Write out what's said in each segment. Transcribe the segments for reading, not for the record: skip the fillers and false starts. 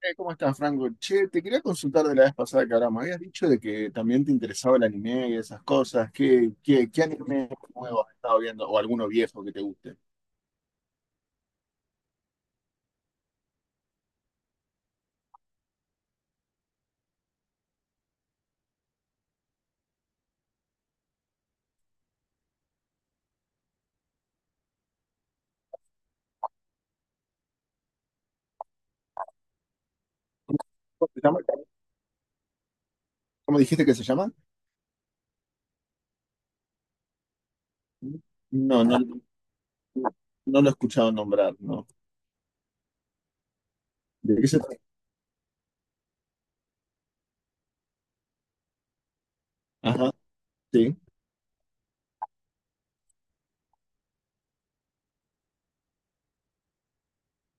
¿Cómo estás, Franco? Che, te quería consultar de la vez pasada que hablamos. Habías dicho de que también te interesaba el anime y esas cosas. ¿Qué anime nuevo has estado viendo? ¿O alguno viejo que te guste? ¿Cómo se llama? ¿Cómo dijiste que se llama? No, no, no lo he escuchado nombrar, no. ¿De qué se trata? Ajá, sí.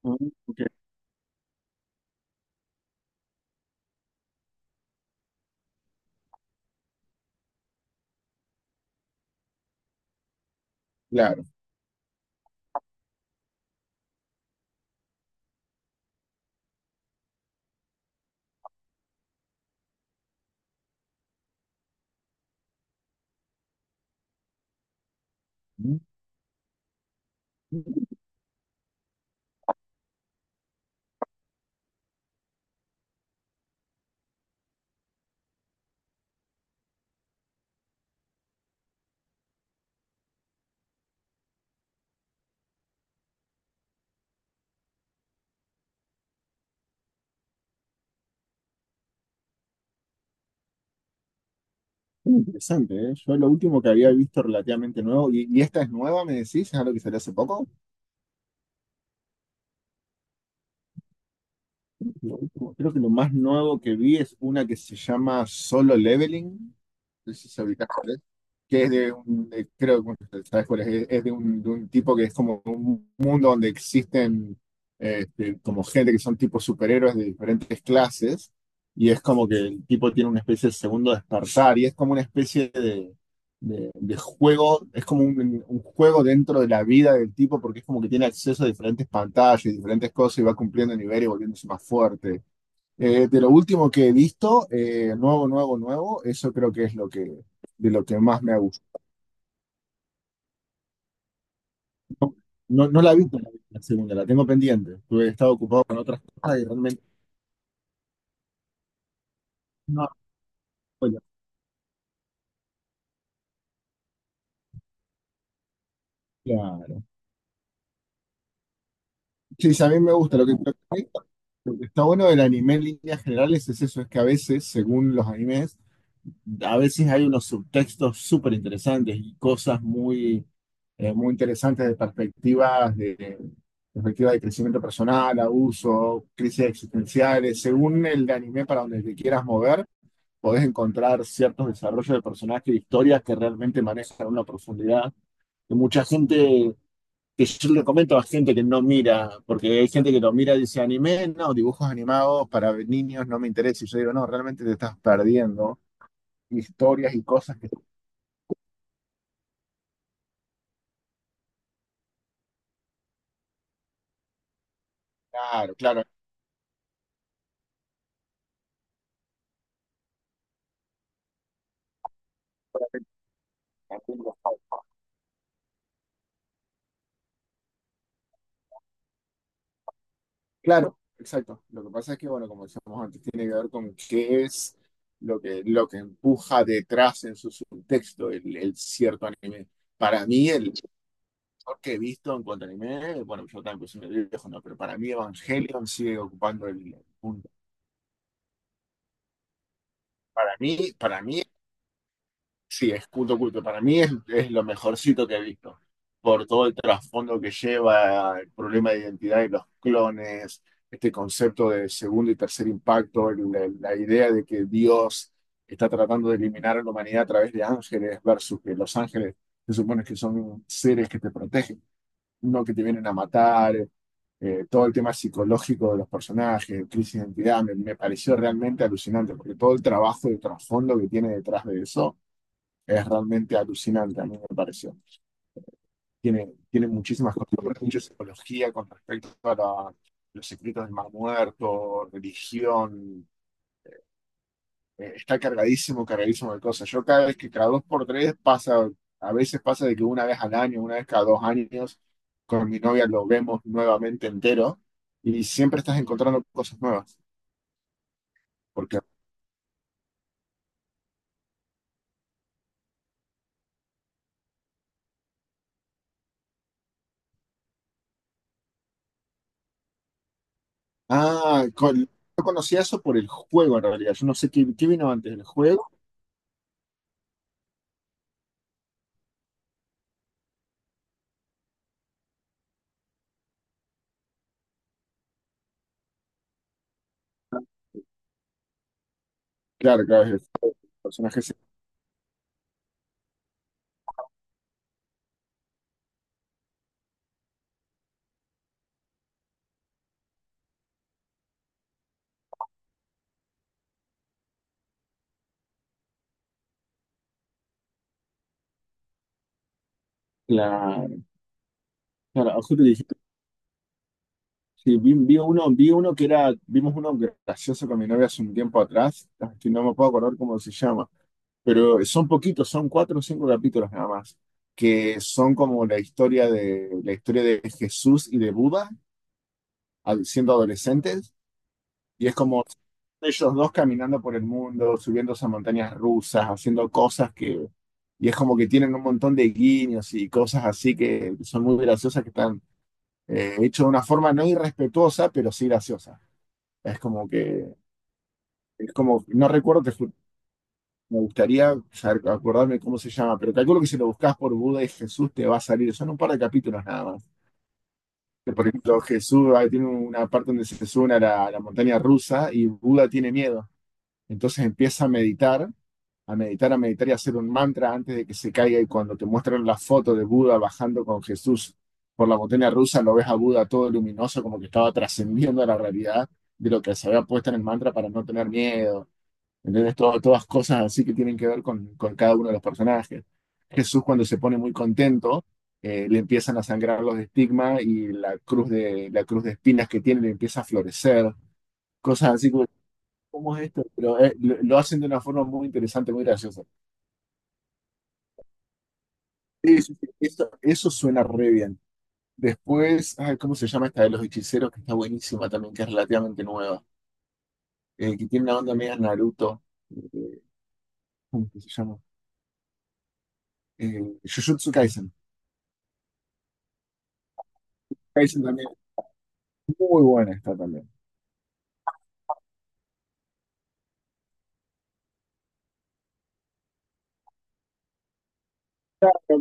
Ah, ok, claro. Mm. Interesante, ¿eh? Yo lo último que había visto relativamente nuevo, y esta es nueva, me decís, es algo que salió hace poco. Creo que lo más nuevo que vi es una que se llama Solo Leveling, no sé si ubicás cuál es, que es de un, creo que bueno, sabes cuál es, es de un tipo que es como un mundo donde existen este, como gente que son tipo superhéroes de diferentes clases, y es como que el tipo tiene una especie de segundo despertar, y es como una especie de juego, es como un juego dentro de la vida del tipo porque es como que tiene acceso a diferentes pantallas y diferentes cosas y va cumpliendo niveles y volviéndose más fuerte. De lo último que he visto, nuevo, nuevo, nuevo, eso creo que es lo que, de lo que más me ha gustado. No, no la he visto la segunda, la tengo pendiente. Tuve He estado ocupado con otras cosas y realmente no. Bueno. Claro. Sí, sí, a mí me gusta. Lo que está bueno del anime en líneas generales es eso, es que a veces, según los animes, a veces hay unos subtextos súper interesantes y cosas muy interesantes de perspectivas de perspectiva de crecimiento personal, abuso, crisis existenciales. Según el anime para donde te quieras mover, podés encontrar ciertos desarrollos de personajes y historias que realmente manejan una profundidad que mucha gente, que yo le comento a gente que no mira, porque hay gente que lo mira y dice anime, no, dibujos animados para niños no me interesa. Y yo digo, no, realmente te estás perdiendo historias y cosas que... Claro, claro. Claro, exacto. Lo que pasa es que, bueno, como decíamos antes, tiene que ver con qué es lo que empuja detrás en su subtexto el cierto anime. Para mí, el mejor que he visto en cuanto a anime, bueno, yo también pues, soy medio viejo, no, pero para mí Evangelion sigue ocupando el punto. Para mí sí, es culto, culto. Para mí es lo mejorcito que he visto, por todo el trasfondo que lleva, el problema de identidad y los clones, este concepto de segundo y tercer impacto, la idea de que Dios está tratando de eliminar a la humanidad a través de ángeles versus que los ángeles se supone que son seres que te protegen, no que te vienen a matar, todo el tema psicológico de los personajes, crisis de identidad, me pareció realmente alucinante, porque todo el trabajo de trasfondo que tiene detrás de eso es realmente alucinante, a mí me pareció. Tiene muchísimas cosas, mucha psicología con respecto a los secretos del Mar Muerto, religión. Está cargadísimo, cargadísimo de cosas. Yo cada vez que cada dos por tres pasa, a veces pasa de que una vez al año, una vez cada dos años, con mi novia lo vemos nuevamente entero y siempre estás encontrando cosas nuevas. Porque, ah, yo conocía eso por el juego en realidad. Yo no sé qué vino antes del juego. Claro, claro, es el personaje. Claro, justo dijiste, sí, vi uno, vi uno que era, vimos uno gracioso con mi novia hace un tiempo atrás, que no me puedo acordar cómo se llama, pero son poquitos, son cuatro o cinco capítulos nada más, que son como la historia de Jesús y de Buda siendo adolescentes, y es como ellos dos caminando por el mundo, subiéndose a montañas rusas, haciendo cosas que, y es como que tienen un montón de guiños y cosas así que son muy graciosas que están. Hecho de una forma no irrespetuosa, pero sí graciosa. Es como que, es como, no recuerdo, me gustaría acordarme cómo se llama, pero calculo que si lo buscas por Buda y Jesús te va a salir, son un par de capítulos nada más. Que, por ejemplo, Jesús ah, tiene una parte donde se sube a la montaña rusa y Buda tiene miedo. Entonces empieza a meditar a meditar, a meditar y hacer un mantra antes de que se caiga. Y cuando te muestran la foto de Buda bajando con Jesús por la montaña rusa, lo ves a Buda todo luminoso, como que estaba trascendiendo a la realidad de lo que se había puesto en el mantra para no tener miedo. ¿Entendés? Todas cosas así que tienen que ver con cada uno de los personajes. Jesús cuando se pone muy contento, le empiezan a sangrar los estigmas y la cruz de espinas que tiene le empieza a florecer. Cosas así como, ¿cómo es esto? Pero lo hacen de una forma muy interesante, muy graciosa. Sí, sí, sí, eso suena re bien. Después, ay, ¿cómo se llama esta de los hechiceros? Que está buenísima también, que es relativamente nueva. Que tiene una onda media Naruto. Eh, ¿Cómo que se llama? Eh, Jujutsu Kaisen. Kaisen también. Es muy buena esta también.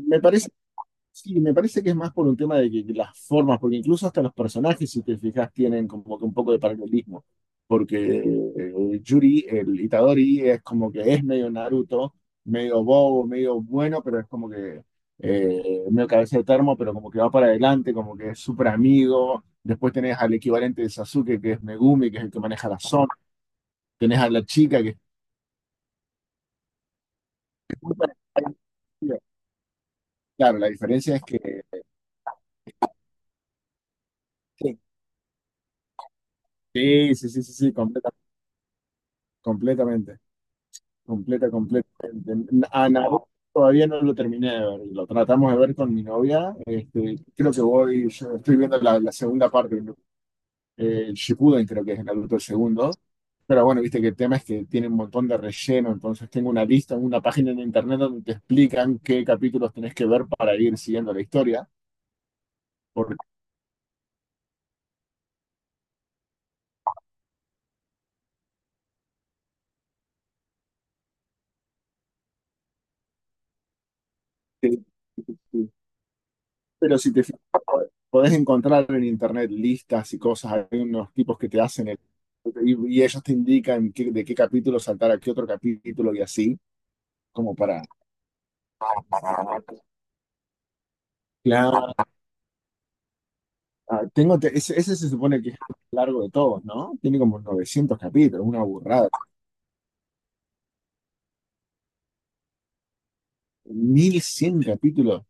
Me parece Sí, me parece que es más por un tema de que las formas, porque incluso hasta los personajes, si te fijas, tienen como que un poco de paralelismo. Porque Yuri, el Itadori, es como que es medio Naruto, medio bobo, medio bueno, pero es como que medio cabeza de termo, pero como que va para adelante, como que es súper amigo. Después tenés al equivalente de Sasuke, que es Megumi, que es el que maneja la zona. Tenés a la chica que... Claro, la diferencia es que... Sí, sí, sí, sí, sí, completamente. Completamente. A Naruto todavía no lo terminé de ver. Lo tratamos de ver con mi novia. Este, creo que voy, yo estoy viendo la, la segunda parte, ¿no? Shippuden creo que es Naruto el segundo. Pero bueno, viste que el tema es que tiene un montón de relleno, entonces tengo una lista, una página en internet donde te explican qué capítulos tenés que ver para ir siguiendo la historia. Porque eh, pero si te fijas, podés encontrar en internet listas y cosas, hay unos tipos que te hacen el... Y ellos te indican de qué capítulo saltar a qué otro capítulo y así, como para... Claro. Ah, ese se supone que es el más largo de todos, ¿no? Tiene como 900 capítulos, una burrada. 1100 capítulos.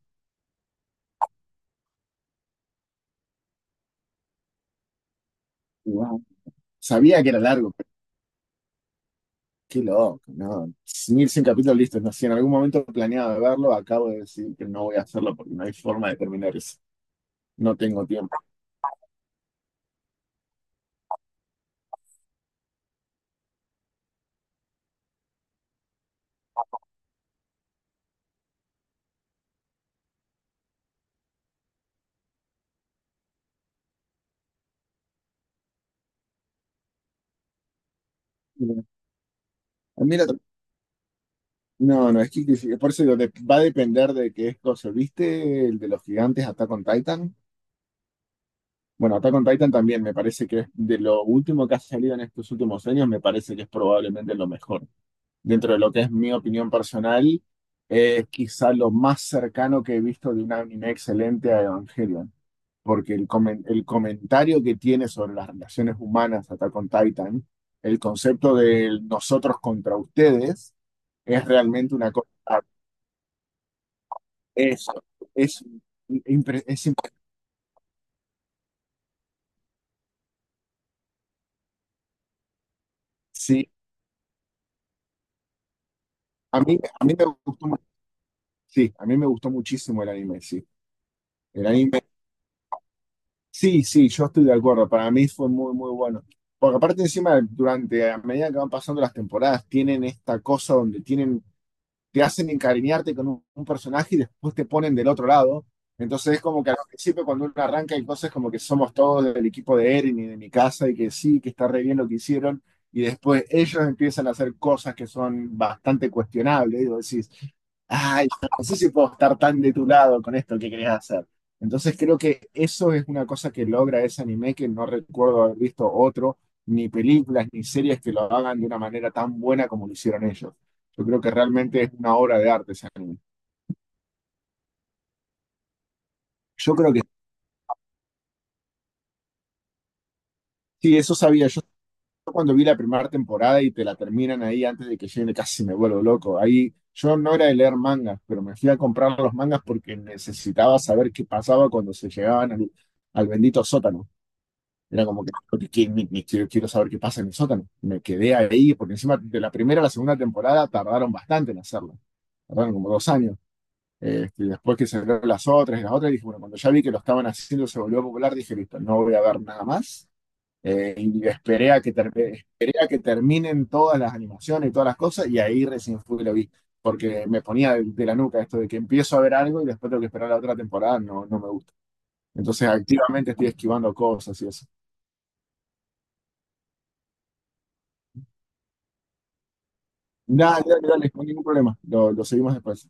Wow. Sabía que era largo, pero qué loco, ¿no? 1100 capítulos, listo. No, si en algún momento planeaba verlo, acabo de decir que no voy a hacerlo porque no hay forma de terminar eso. No tengo tiempo. Ah, mira, no, no, es por eso digo, va a depender de qué es cosa. ¿Viste el de los gigantes Attack on Titan? Bueno, Attack on Titan también me parece que es de lo último que ha salido en estos últimos años, me parece que es probablemente lo mejor. Dentro de lo que es mi opinión personal, es quizá lo más cercano que he visto de un anime excelente a Evangelion, porque el comentario que tiene sobre las relaciones humanas Attack on Titan, el concepto de nosotros contra ustedes, es realmente una cosa. Es, es, impre- es imp- Sí. A mí me gustó, sí, a mí me gustó muchísimo el anime, sí. El anime, sí, sí, yo estoy de acuerdo. Para mí fue muy, muy bueno. Porque aparte encima, durante, a medida que van pasando las temporadas, tienen esta cosa donde tienen te hacen encariñarte con un personaje y después te ponen del otro lado. Entonces es como que al principio cuando uno arranca hay cosas como que somos todos del equipo de Eren y de mi casa y que sí, que está re bien lo que hicieron. Y después ellos empiezan a hacer cosas que son bastante cuestionables. Y vos decís, ay, no sé si puedo estar tan de tu lado con esto que querés hacer. Entonces creo que eso es una cosa que logra ese anime que no recuerdo haber visto otro, ni películas, ni series que lo hagan de una manera tan buena como lo hicieron ellos. Yo creo que realmente es una obra de arte ese anime. Yo creo que sí, eso sabía. Yo cuando vi la primera temporada y te la terminan ahí antes de que llegue, casi me vuelvo loco. Ahí yo no era de leer mangas, pero me fui a comprar los mangas porque necesitaba saber qué pasaba cuando se llegaban al bendito sótano. Era como que- ni- ni quiero, quiero saber qué pasa en el sótano. Me quedé ahí porque encima de la primera a la segunda temporada tardaron bastante en hacerlo. Tardaron como 2 años. Este, después que se vieron las otras y las otras, dije, bueno, cuando ya vi que lo estaban haciendo, se volvió popular, dije, listo, no voy a ver nada más. Y esperé a, esperé a que terminen todas las animaciones y todas las cosas, y ahí recién fui y lo vi. Porque me ponía de la nuca esto de que empiezo a ver algo y después tengo que esperar la otra temporada, no, no me gusta. Entonces, activamente estoy esquivando cosas y eso. Nada, dale, dale, no hay ningún problema. Lo seguimos después.